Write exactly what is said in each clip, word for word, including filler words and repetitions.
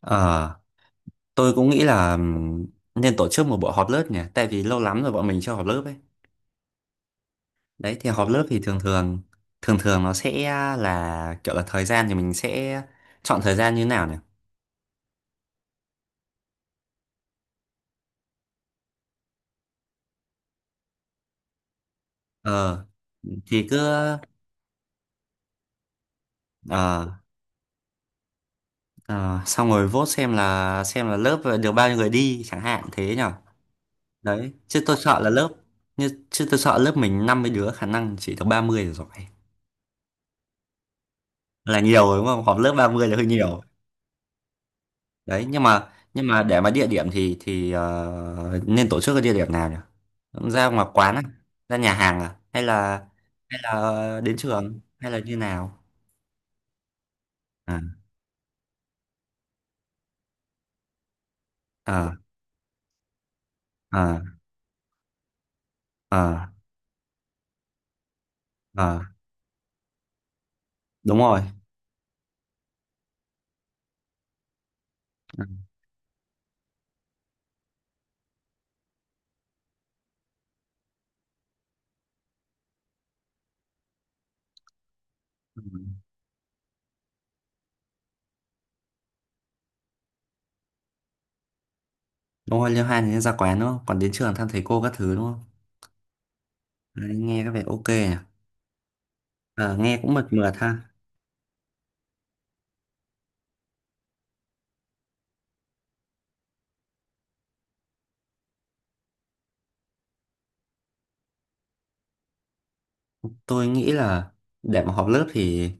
Ờ, tôi cũng nghĩ là ừm, nên tổ chức một buổi họp lớp nhỉ, tại vì lâu lắm rồi bọn mình chưa họp lớp ấy. Đấy thì họp lớp thì thường thường thường thường nó sẽ là kiểu là thời gian thì mình sẽ chọn thời gian như thế nào nhỉ? Ờ thì cứ ờ ờ, xong rồi vote xem là xem là lớp được bao nhiêu người đi chẳng hạn thế nhỉ. Đấy, chứ tôi sợ là lớp như chứ tôi sợ lớp mình năm mươi đứa khả năng chỉ được ba mươi là giỏi. Là nhiều rồi đúng không? Họp lớp ba mươi là hơi nhiều. Đấy nhưng mà nhưng mà để mà địa điểm thì thì ờ, nên tổ chức ở địa điểm nào nhỉ? Ra ngoài quán à? Ra nhà hàng à? Hay là hay là đến trường hay là như nào? À, à, à, à, à. Đúng rồi. Ừ. Ừ. Đúng rồi. Liêu hai thì nên ra quán đúng không? Còn đến trường thăm thầy cô các thứ đúng không? Đấy, nghe có vẻ ok nhỉ. À, nghe cũng mượt mượt ha. Tôi nghĩ là để mà họp lớp thì,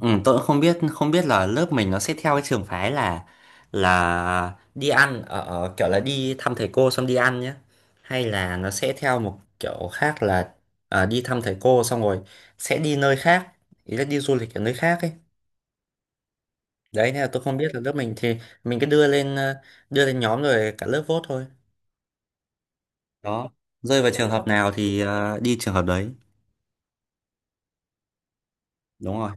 ừ, tôi cũng không biết không biết là lớp mình nó sẽ theo cái trường phái là là đi ăn ở ở kiểu là đi thăm thầy cô xong đi ăn nhé, hay là nó sẽ theo một kiểu khác là à, đi thăm thầy cô xong rồi sẽ đi nơi khác, ý là đi du lịch ở nơi khác ấy. Đấy nên là tôi không biết là lớp mình thì mình cứ đưa lên ờ, đưa lên nhóm rồi cả lớp vote thôi. Đó, rơi vào trường hợp nào thì ờ, đi trường hợp đấy. Đúng rồi.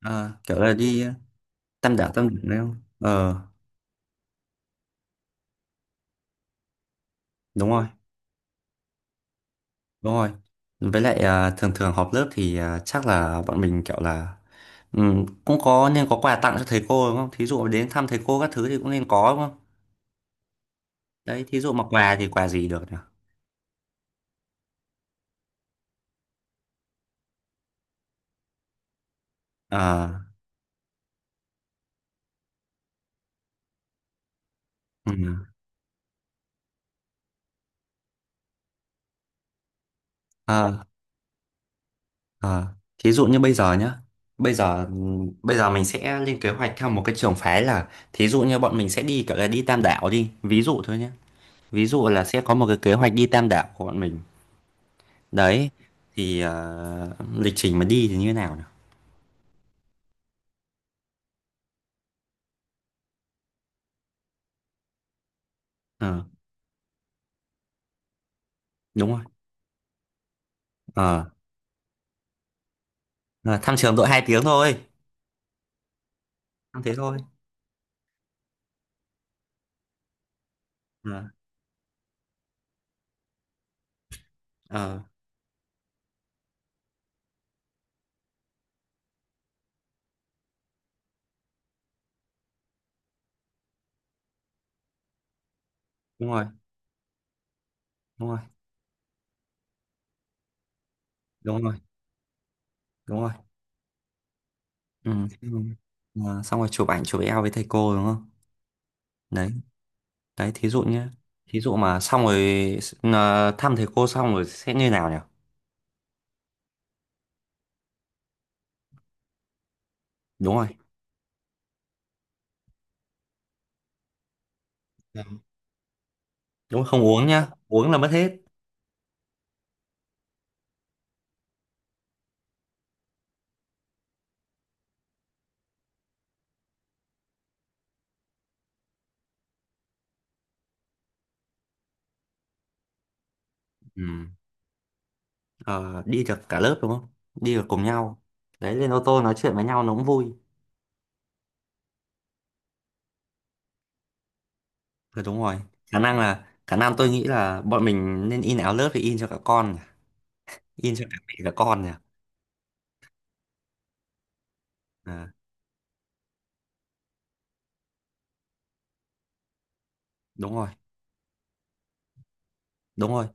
Ờ, kiểu là đi tam đảo tam đảo đấy không? Ờ, đúng rồi. Đúng rồi. Với lại à, thường thường họp lớp thì à, chắc là bọn mình kiểu là ừm, cũng có nên có quà tặng cho thầy cô đúng không? Thí dụ đến thăm thầy cô các thứ thì cũng nên có đúng không? Đấy, thí dụ mà quà thì quà gì được nhỉ? Ờ, ừm, ờ, ờ. Thí dụ như bây giờ nhá. Bây giờ ừm, bây giờ mình sẽ lên kế hoạch theo một cái trường phái là thí dụ như bọn mình sẽ đi kiểu là đi Tam Đảo đi, ví dụ thôi nhé. Ví dụ là sẽ có một cái kế hoạch đi Tam Đảo của bọn mình. Đấy, thì à, lịch trình mà đi thì như thế nào nhỉ? Ờ. Đúng rồi. Ờ. À, thăm trường đội hai tiếng thôi, thăm thế thôi. Ờ. Ờ. Đúng rồi. Đúng rồi. Đúng rồi. Đúng rồi. Ừ. Thế rồi. Ờ, xong rồi chụp ảnh chụp eo với thầy cô đúng không? Đấy. Đấy thí dụ nhé. Thí dụ mà xong rồi ờ, thăm thầy cô xong rồi sẽ như nào nhỉ? Đúng rồi. Dạ. Đúng rồi, không uống nhá, uống là mất hết. Ừ. Ờ, đi được cả lớp đúng không? Đi được cùng nhau. Đấy lên ô tô nói chuyện với nhau nó cũng vui. Ờ, đúng rồi. Khả năng là khả năng tôi nghĩ là bọn mình nên in áo lớp thì in cho cả con, in cho cả mẹ cả con nhỉ. À, đúng rồi. Đúng rồi.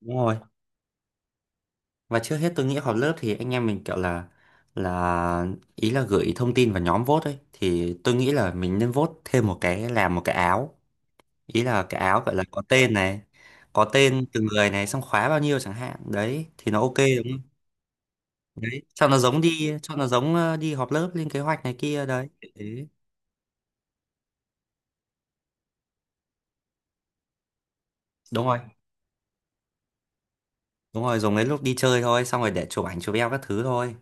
Đúng rồi. Và trước hết tôi nghĩ họp lớp thì anh em mình kiểu là là ý là gửi thông tin vào nhóm vote ấy thì tôi nghĩ là mình nên vote thêm một cái, làm một cái áo, ý là cái áo gọi là có tên này, có tên từng người này xong khóa bao nhiêu chẳng hạn đấy thì nó ok đúng không? Đấy cho nó giống đi, cho nó giống ờ, đi họp lớp lên kế hoạch này kia đấy. Thế- đúng rồi, đúng rồi, dùng đến lúc đi chơi thôi xong rồi để chụp ảnh chụp eo các thứ thôi.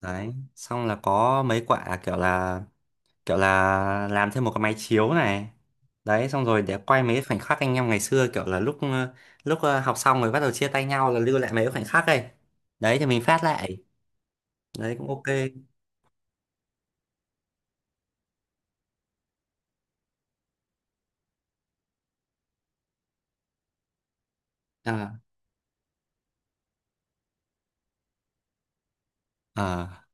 Đấy xong là có mấy quả kiểu là kiểu là làm thêm một cái máy chiếu này. Đấy xong rồi để quay mấy cái khoảnh khắc anh em ngày xưa kiểu là lúc ờ, lúc ờ, học xong rồi bắt đầu chia tay nhau là lưu lại mấy cái khoảnh khắc ấy. Đấy thì mình phát lại. Đấy cũng ok. À, à,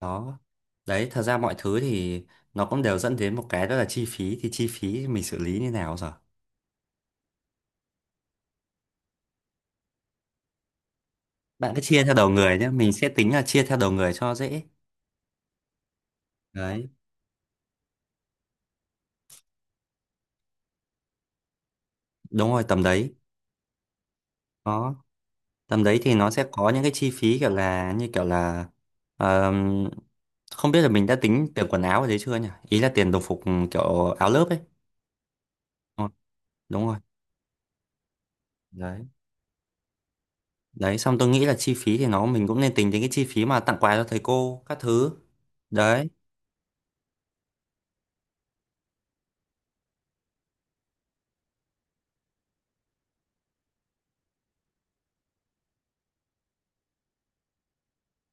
đó. Đấy thật ra mọi thứ thì nó cũng đều dẫn đến một cái, đó là chi phí thì chi phí mình xử lý như nào giờ? Bạn cứ chia theo đầu người nhé, mình sẽ tính là chia theo đầu người cho dễ. Đấy, đúng rồi tầm đấy. Đó, tầm đấy thì nó sẽ có những cái chi phí kiểu là, như kiểu là ờm, không biết là mình đã tính tiền quần áo ở đấy chưa nhỉ, ý là tiền đồng phục, ừ, kiểu áo lớp ấy. Ờ, đúng rồi. Đấy. Đấy xong tôi nghĩ là chi phí thì nó mình cũng nên tính đến cái chi phí mà tặng quà cho thầy cô các thứ. Đấy.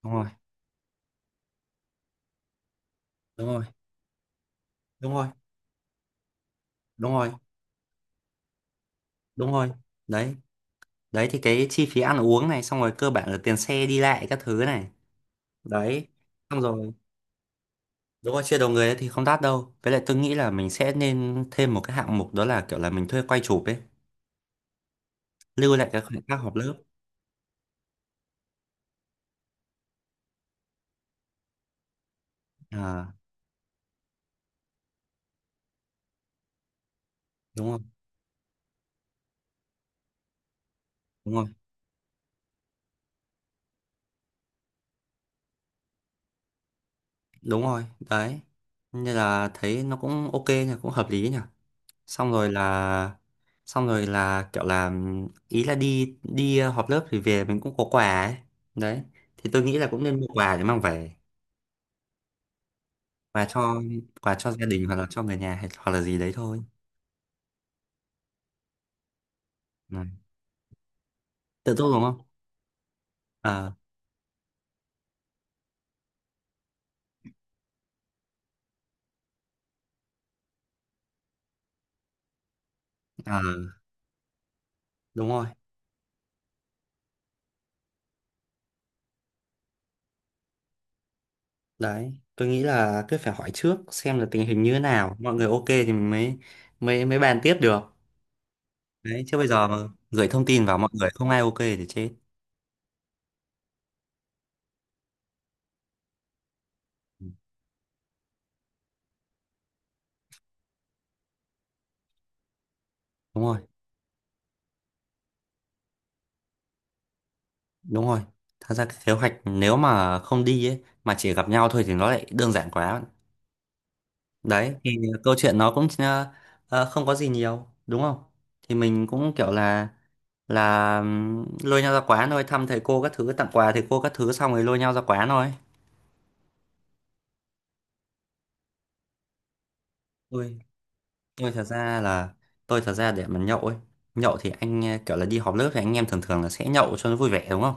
Đúng rồi. Đúng rồi. Đúng rồi. Đúng rồi. Đúng rồi. Đấy. Đấy thì cái chi phí ăn uống này xong rồi cơ bản là tiền xe đi lại các thứ này. Đấy xong rồi. Đúng rồi, chia đầu người ấy thì không đắt đâu. Với lại tôi nghĩ là mình sẽ nên thêm một cái hạng mục đó là kiểu là mình thuê quay chụp ấy, lưu lại các khoảnh khắc họp lớp. À, đúng rồi, đúng rồi, đúng rồi, đấy. Nên là thấy nó cũng ok nhỉ, cũng hợp lý nhỉ. Xong rồi là, xong rồi là kiểu là, ý là đi đi ờ, họp lớp thì về mình cũng có quà ấy. Đấy, thì tôi nghĩ là cũng nên mua quà để mang về, quà cho quà cho gia đình hoặc là cho người nhà, hay- hoặc là gì đấy thôi. Ừ. Tự túc đúng không? À, à, đúng rồi. Đấy, tôi nghĩ là cứ phải hỏi trước xem là tình hình như thế nào, mọi người ok thì mình mới mới mới bàn tiếp được. Đấy, chứ bây giờ mà gửi thông tin vào mọi người không ai ok thì chết. Ừ. Đúng rồi, đúng rồi. Thật ra cái kế hoạch nếu mà không đi ấy mà chỉ gặp nhau thôi thì nó lại đơn giản quá. Đấy, thì câu chuyện nó cũng ờ, ờ, không có gì nhiều, đúng không? Thì mình cũng kiểu là là ừm, lôi nhau ra quán thôi, thăm thầy cô các thứ, tặng quà thầy cô các thứ xong rồi lôi nhau ra quán thôi. Ui. Tôi thật ra là tôi thật ra để mà nhậu ấy, nhậu thì anh ờ, kiểu là đi họp lớp thì anh em thường thường là sẽ nhậu cho nó vui vẻ đúng không?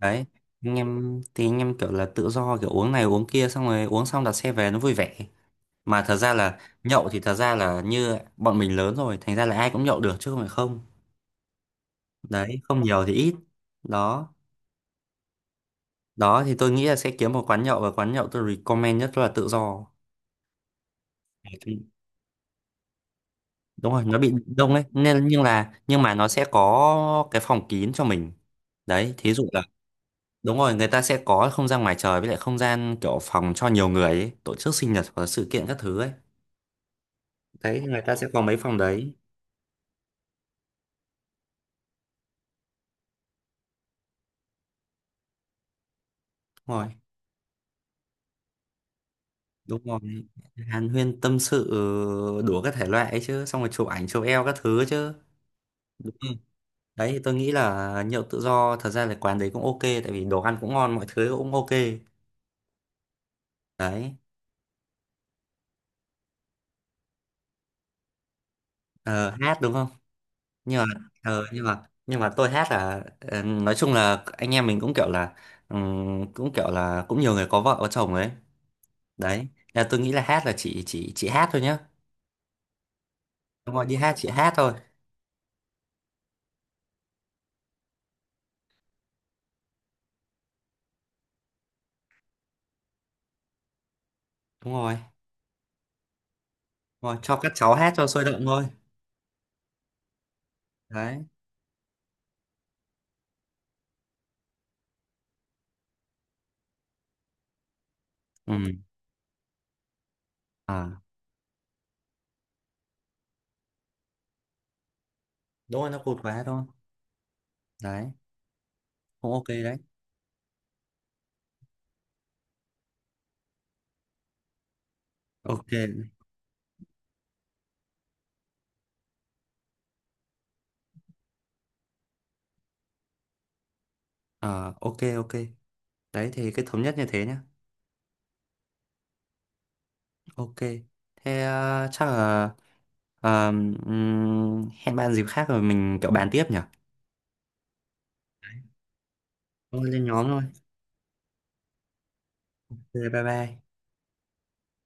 Đấy, anh em thì anh em kiểu là tự do kiểu uống này uống kia xong rồi uống xong đặt xe về nó vui vẻ. Mà thật ra là nhậu thì thật ra là như bọn mình lớn rồi thành ra là ai cũng nhậu được chứ không phải không. Đấy không nhiều thì ít. Đó. Đó thì tôi nghĩ là sẽ kiếm một quán nhậu và quán nhậu tôi recommend nhất là tự do. Đúng rồi nó bị đông đấy nên, nhưng là nhưng mà nó sẽ có cái phòng kín cho mình. Đấy thí dụ là đúng rồi, người ta sẽ có không gian ngoài trời với lại không gian kiểu phòng cho nhiều người ấy, tổ chức sinh nhật hoặc là sự kiện các thứ ấy. Đấy người ta sẽ có mấy phòng đấy. Đúng rồi. Đúng rồi. Hàn huyên tâm sự đủ các thể loại ấy chứ, xong rồi chụp ảnh chụp eo các thứ chứ, đúng không? Đấy thì tôi nghĩ là nhậu tự do thật ra là quán đấy cũng ok tại vì đồ ăn cũng ngon mọi thứ cũng ok. Đấy. Ờ, hát đúng không? Nhưng mà ờ, nhưng mà nhưng mà tôi hát là ờ, nói chung là anh em mình cũng kiểu là ừm, cũng kiểu là cũng nhiều người có vợ có chồng ấy. Đấy là tôi nghĩ là hát là chị chị chị hát thôi nhá. Đúng rồi đi hát chị hát thôi. Đúng rồi. Đúng rồi cho các cháu hát cho sôi động thôi. Đấy. Ừ. À. Đúng rồi nó cụt quá thôi. Đấy cũng ok. Đấy ok. Ờ, ok ok. Đấy thì cái thống nhất như thế nhá. Ok. Thế ờ, chắc là ờ, ừm, hẹn bạn dịp khác rồi mình kiểu bàn tiếp nhỉ. Thôi lên nhóm thôi. Ok. Bye bye.